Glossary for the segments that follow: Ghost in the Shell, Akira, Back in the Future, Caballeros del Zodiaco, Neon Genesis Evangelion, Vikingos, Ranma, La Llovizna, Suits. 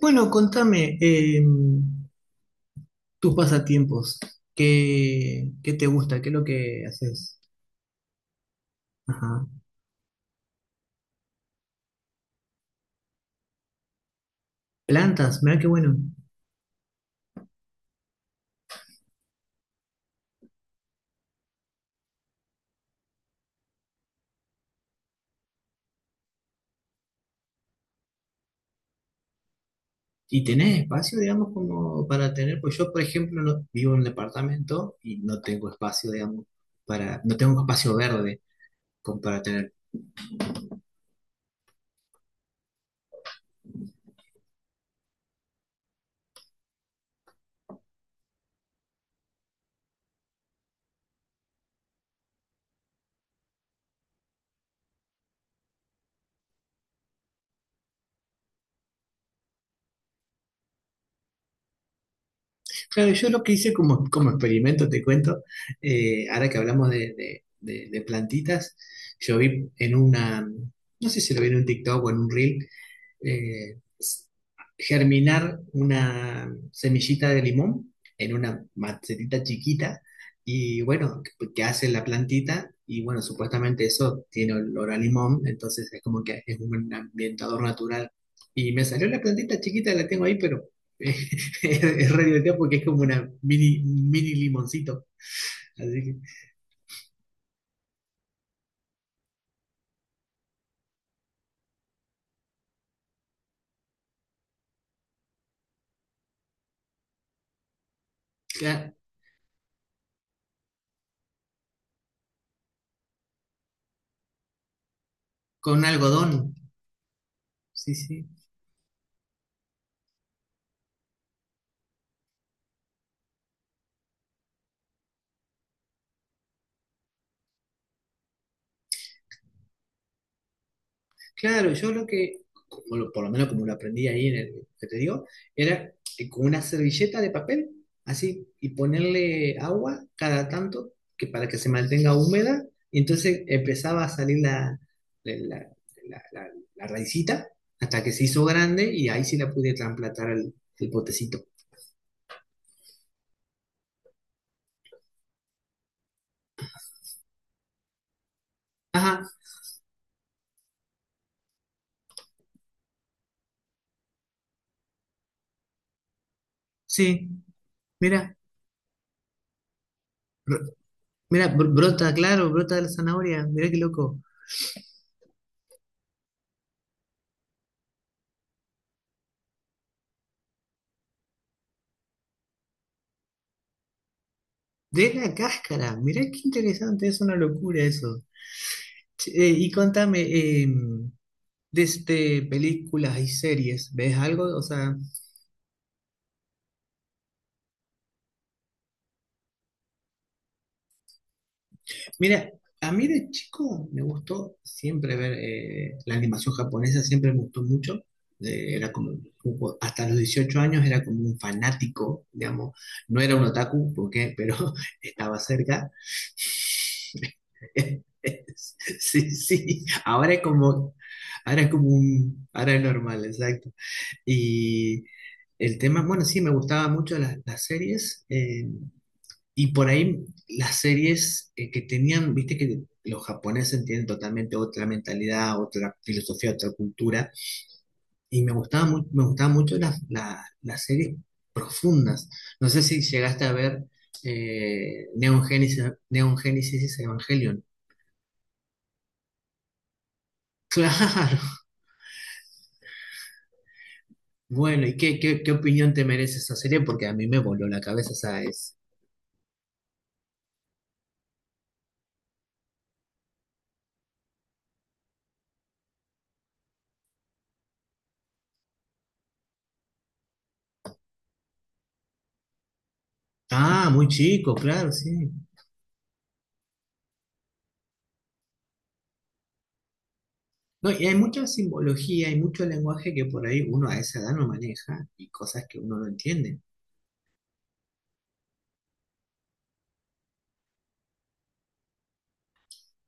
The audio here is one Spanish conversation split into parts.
Bueno, contame tus pasatiempos. ¿Qué, qué te gusta? ¿Qué es lo que haces? Ajá. Plantas, mira qué bueno. ¿Y tenés espacio, digamos, como para tener? Pues yo, por ejemplo, vivo en un departamento y no tengo espacio, digamos, para, no tengo espacio verde como para tener. Claro, yo lo que hice como, como experimento, te cuento, ahora que hablamos de, de plantitas, yo vi en una, no sé si lo vi en un TikTok o en un reel, eh, germinar una semillita de limón en una macetita chiquita y bueno, que hace la plantita y bueno, supuestamente eso tiene olor a limón, entonces es como que es un ambientador natural. Y me salió la plantita chiquita, la tengo ahí, pero es, es re divertido porque es como una mini, mini limoncito. Así que ya, con algodón, sí, sí. Claro, yo lo que, como por lo menos como lo aprendí ahí en el que te digo, era con una servilleta de papel, así, y ponerle agua cada tanto que para que se mantenga húmeda, y entonces empezaba a salir la, la, la- la raicita hasta que se hizo grande y ahí sí la pude trasplantar al, el potecito. Ajá, sí, mira, mira, brota, claro, brota de la zanahoria, mira qué loco. De la cáscara, mira qué interesante, es una locura eso. Che, y contame, desde películas y series, ¿ves algo? O sea, mira, a mí de chico me gustó siempre ver la animación japonesa, siempre me gustó mucho. Era como, hasta los 18 años era como un fanático, digamos. No era un otaku, porque, pero estaba cerca. Sí, sí, ahora es normal, exacto. Y el tema, bueno, sí, me gustaban mucho las series. Y por ahí las series que tenían, viste que los japoneses tienen totalmente otra mentalidad, otra filosofía, otra cultura. Y me gustaban, me gustaban mucho las, las series profundas. No sé si llegaste a ver eh, Neon Genesis, Neon Genesis Evangelion. Claro. Bueno, ¿y qué, qué opinión te merece esa serie? Porque a mí me voló la cabeza, ¿sabes? Ah, muy chico, claro, sí. No, y hay mucha simbología, hay mucho lenguaje que por ahí uno a esa edad no maneja y cosas que uno no entiende.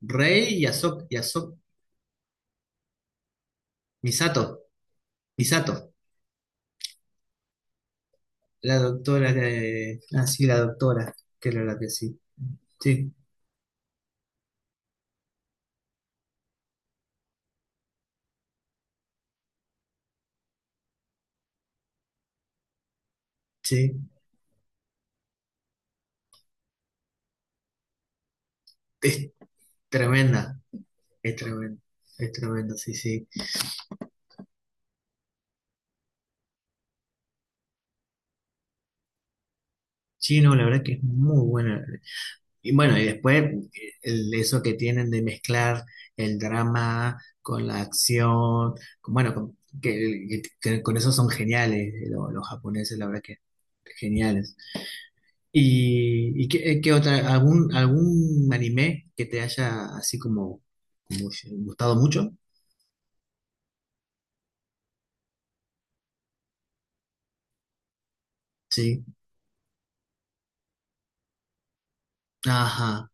Rey y Ahsoka, Misato, Misato, la doctora de... Ah, sí, la doctora, que era la que sí. Sí, sí, es tremenda, es tremenda, es tremenda, sí, sí. Sí, no, la verdad que es muy buena. Y bueno, y después eso que tienen de mezclar el drama con la acción, bueno, con, que con eso son geniales los, japoneses, la verdad que geniales. ¿Y, qué, qué otra, algún anime que te haya así como, como gustado mucho? Sí, ajá,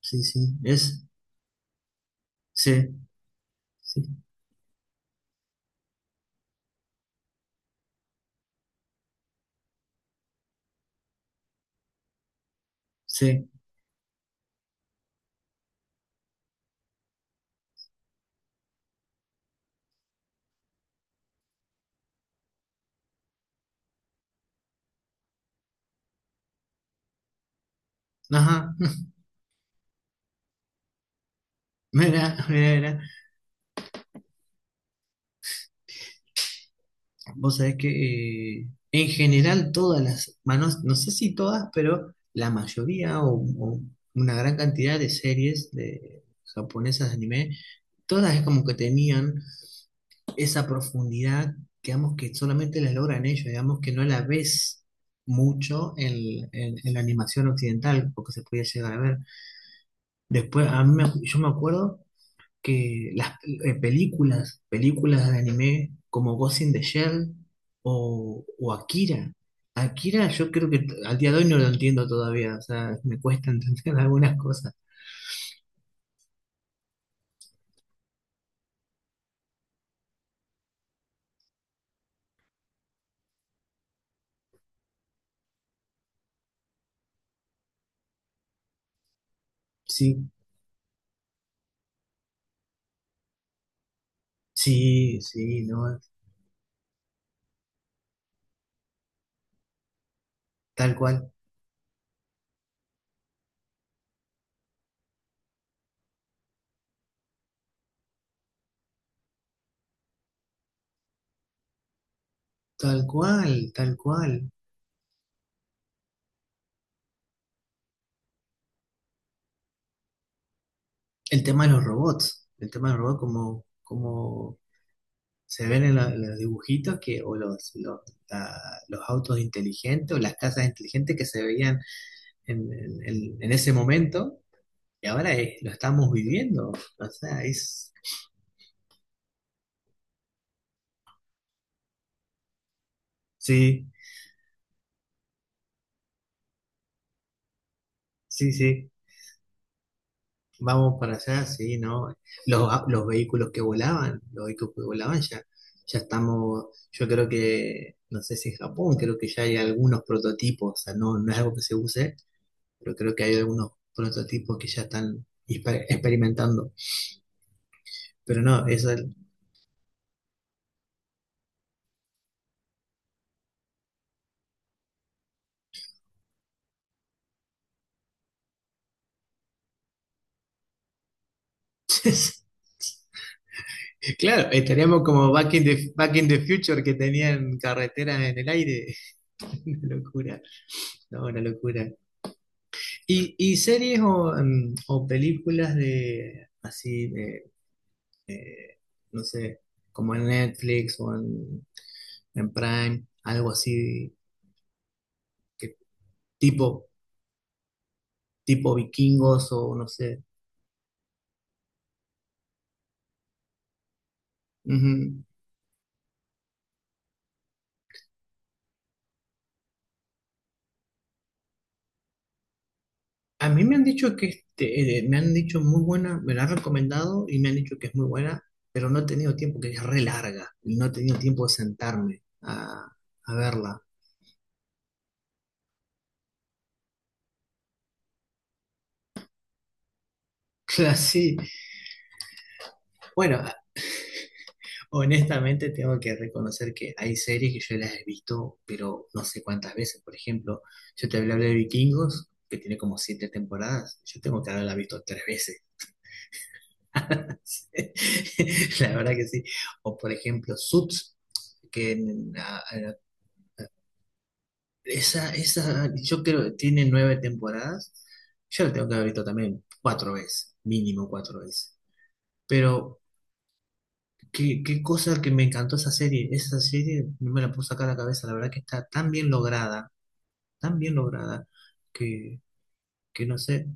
sí, sí, es, sí, sí, sí, ajá, mira, mira, mira. Vos sabés que en general todas las, manos, no sé si todas, pero la mayoría o una gran cantidad de series de japonesas de anime, todas es como que tenían esa profundidad, digamos que solamente la logran ellos, digamos que no la ves mucho en, en la animación occidental, porque se podía llegar a ver. Después, a mí yo me acuerdo que las películas, películas de anime como Ghost in the Shell o Akira. Akira yo creo que al día de hoy no lo entiendo todavía, o sea, me cuesta entender algunas cosas. Sí, sí, sí, no, tal cual, tal cual, tal cual. El tema de los robots, el tema de los robots como, se ven en, los dibujitos que, o los, la- los autos inteligentes o las casas inteligentes que se veían en, en ese momento. Y ahora lo estamos viviendo. O sea, es. Sí, sí, sí. Vamos para allá, sí, ¿no? Los vehículos que volaban, ya, ya estamos, yo creo que, no sé si en Japón, creo que ya hay algunos prototipos, o sea, no, no es algo que se use, pero creo que hay algunos prototipos que ya están experimentando. Pero no, eso claro, estaríamos como Back in the Future que tenían carreteras en el aire. Una locura, no, una locura. ¿Y, series o películas de así, de, eh, no sé, como en Netflix o en, Prime, algo así, que tipo, tipo vikingos o no sé? Ujú. A mí me han dicho que este, me han dicho muy buena, me la han recomendado y me han dicho que es muy buena, pero no he tenido tiempo, que es re larga, y no he tenido tiempo de sentarme a, verla. Claro, sí. Bueno, honestamente, tengo que reconocer que hay series que yo las he visto, pero no sé cuántas veces. Por ejemplo, yo te hablé de Vikingos, que tiene como siete temporadas. Yo tengo que haberla visto tres veces. Sí, la verdad que sí. O por ejemplo, Suits, que esa, yo creo que tiene nueve temporadas. Yo la tengo que haber visto también cuatro veces, mínimo cuatro veces. Pero qué, cosa que me encantó esa serie. Esa serie no me la puedo sacar a la cabeza. La verdad que está tan bien lograda, que, no sé.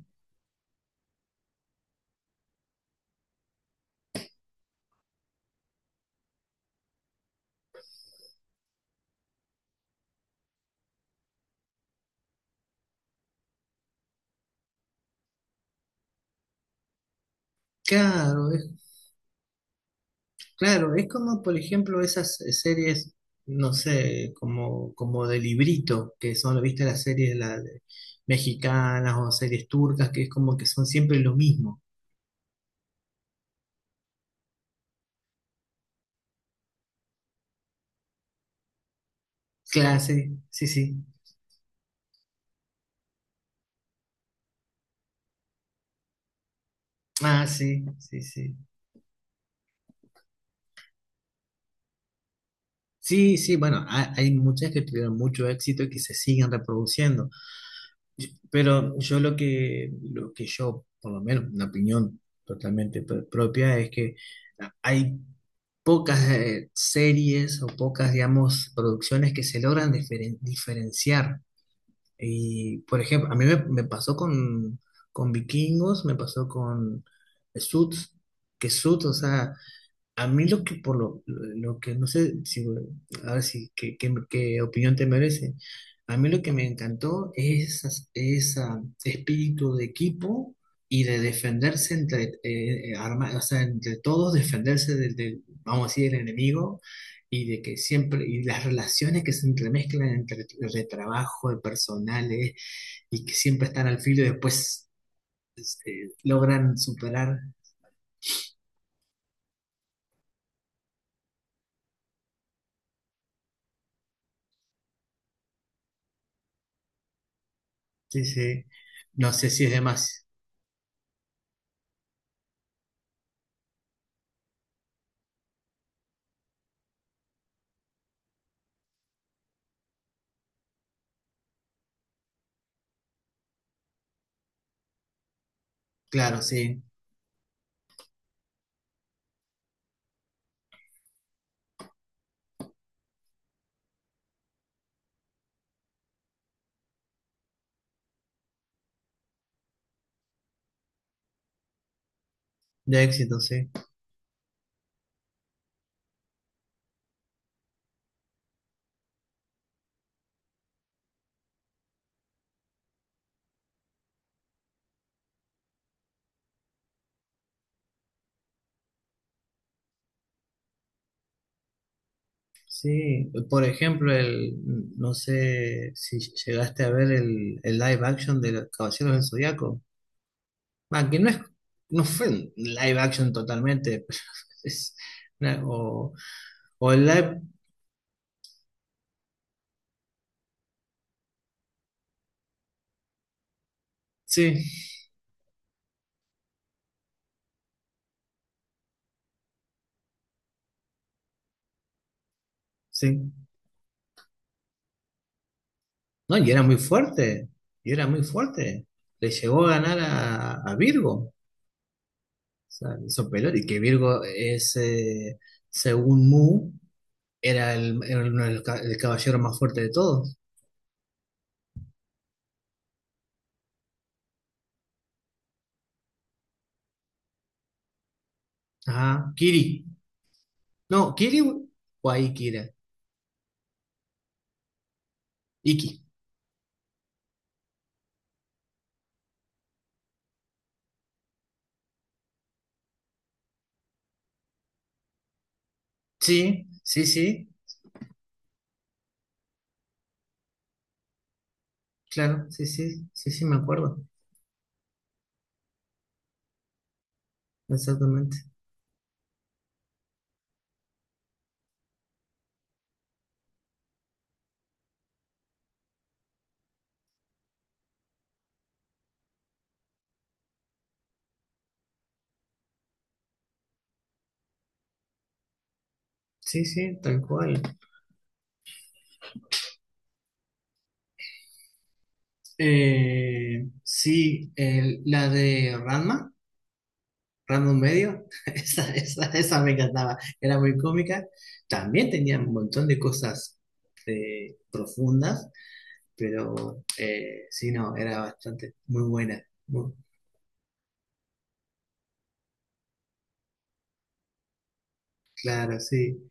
Claro, es, claro, es como, por ejemplo, esas series, no sé, como, de librito, que son, viste, las series mexicanas o series turcas, que es como que son siempre lo mismo. Clase, sí, sí. Ah, sí, sí, sí. Sí, sí, bueno, hay muchas que tuvieron mucho éxito y que se siguen reproduciendo. Pero yo lo que yo, por lo menos, una opinión totalmente propia, es que hay pocas series o pocas, digamos, producciones que se logran diferenciar. Y, por ejemplo, a mí me pasó con, Vikingos, me pasó con Suits, que Suits, o sea, a mí lo que por lo que no sé si a ver si qué, opinión te merece. A mí lo que me encantó es ese espíritu de equipo y de defenderse entre o sea, entre todos, defenderse del, vamos a decir, el enemigo y de que siempre y las relaciones que se entremezclan entre de trabajo, de personales y que siempre están al filo y después logran superar. Sí, sí. No sé si es demasiado. Claro, sí, de éxito, sí. Sí, por ejemplo, el, no sé si llegaste a ver el, live action de los Caballeros del Zodiaco. Ah, que no es, no fue un live action totalmente, pero es una- o, o el live, sí, sí. No, y era muy fuerte, y era muy fuerte. Le llegó a ganar a, Virgo, o sea, le hizo pelota, y que Virgo es, según Mu, era uno de los el caballero más fuerte de todos. Ajá, Kiri. No, Kiri o ahí Kira. Iki. Sí, sí, sí, claro, sí, sí, sí, sí, me acuerdo. Exactamente. Sí, sí, tal cual. Sí, la de Ranma, medio, esa, esa me encantaba, era muy cómica. También tenía un montón de cosas profundas, pero sí, no, era bastante, muy buena. Muy- claro, sí.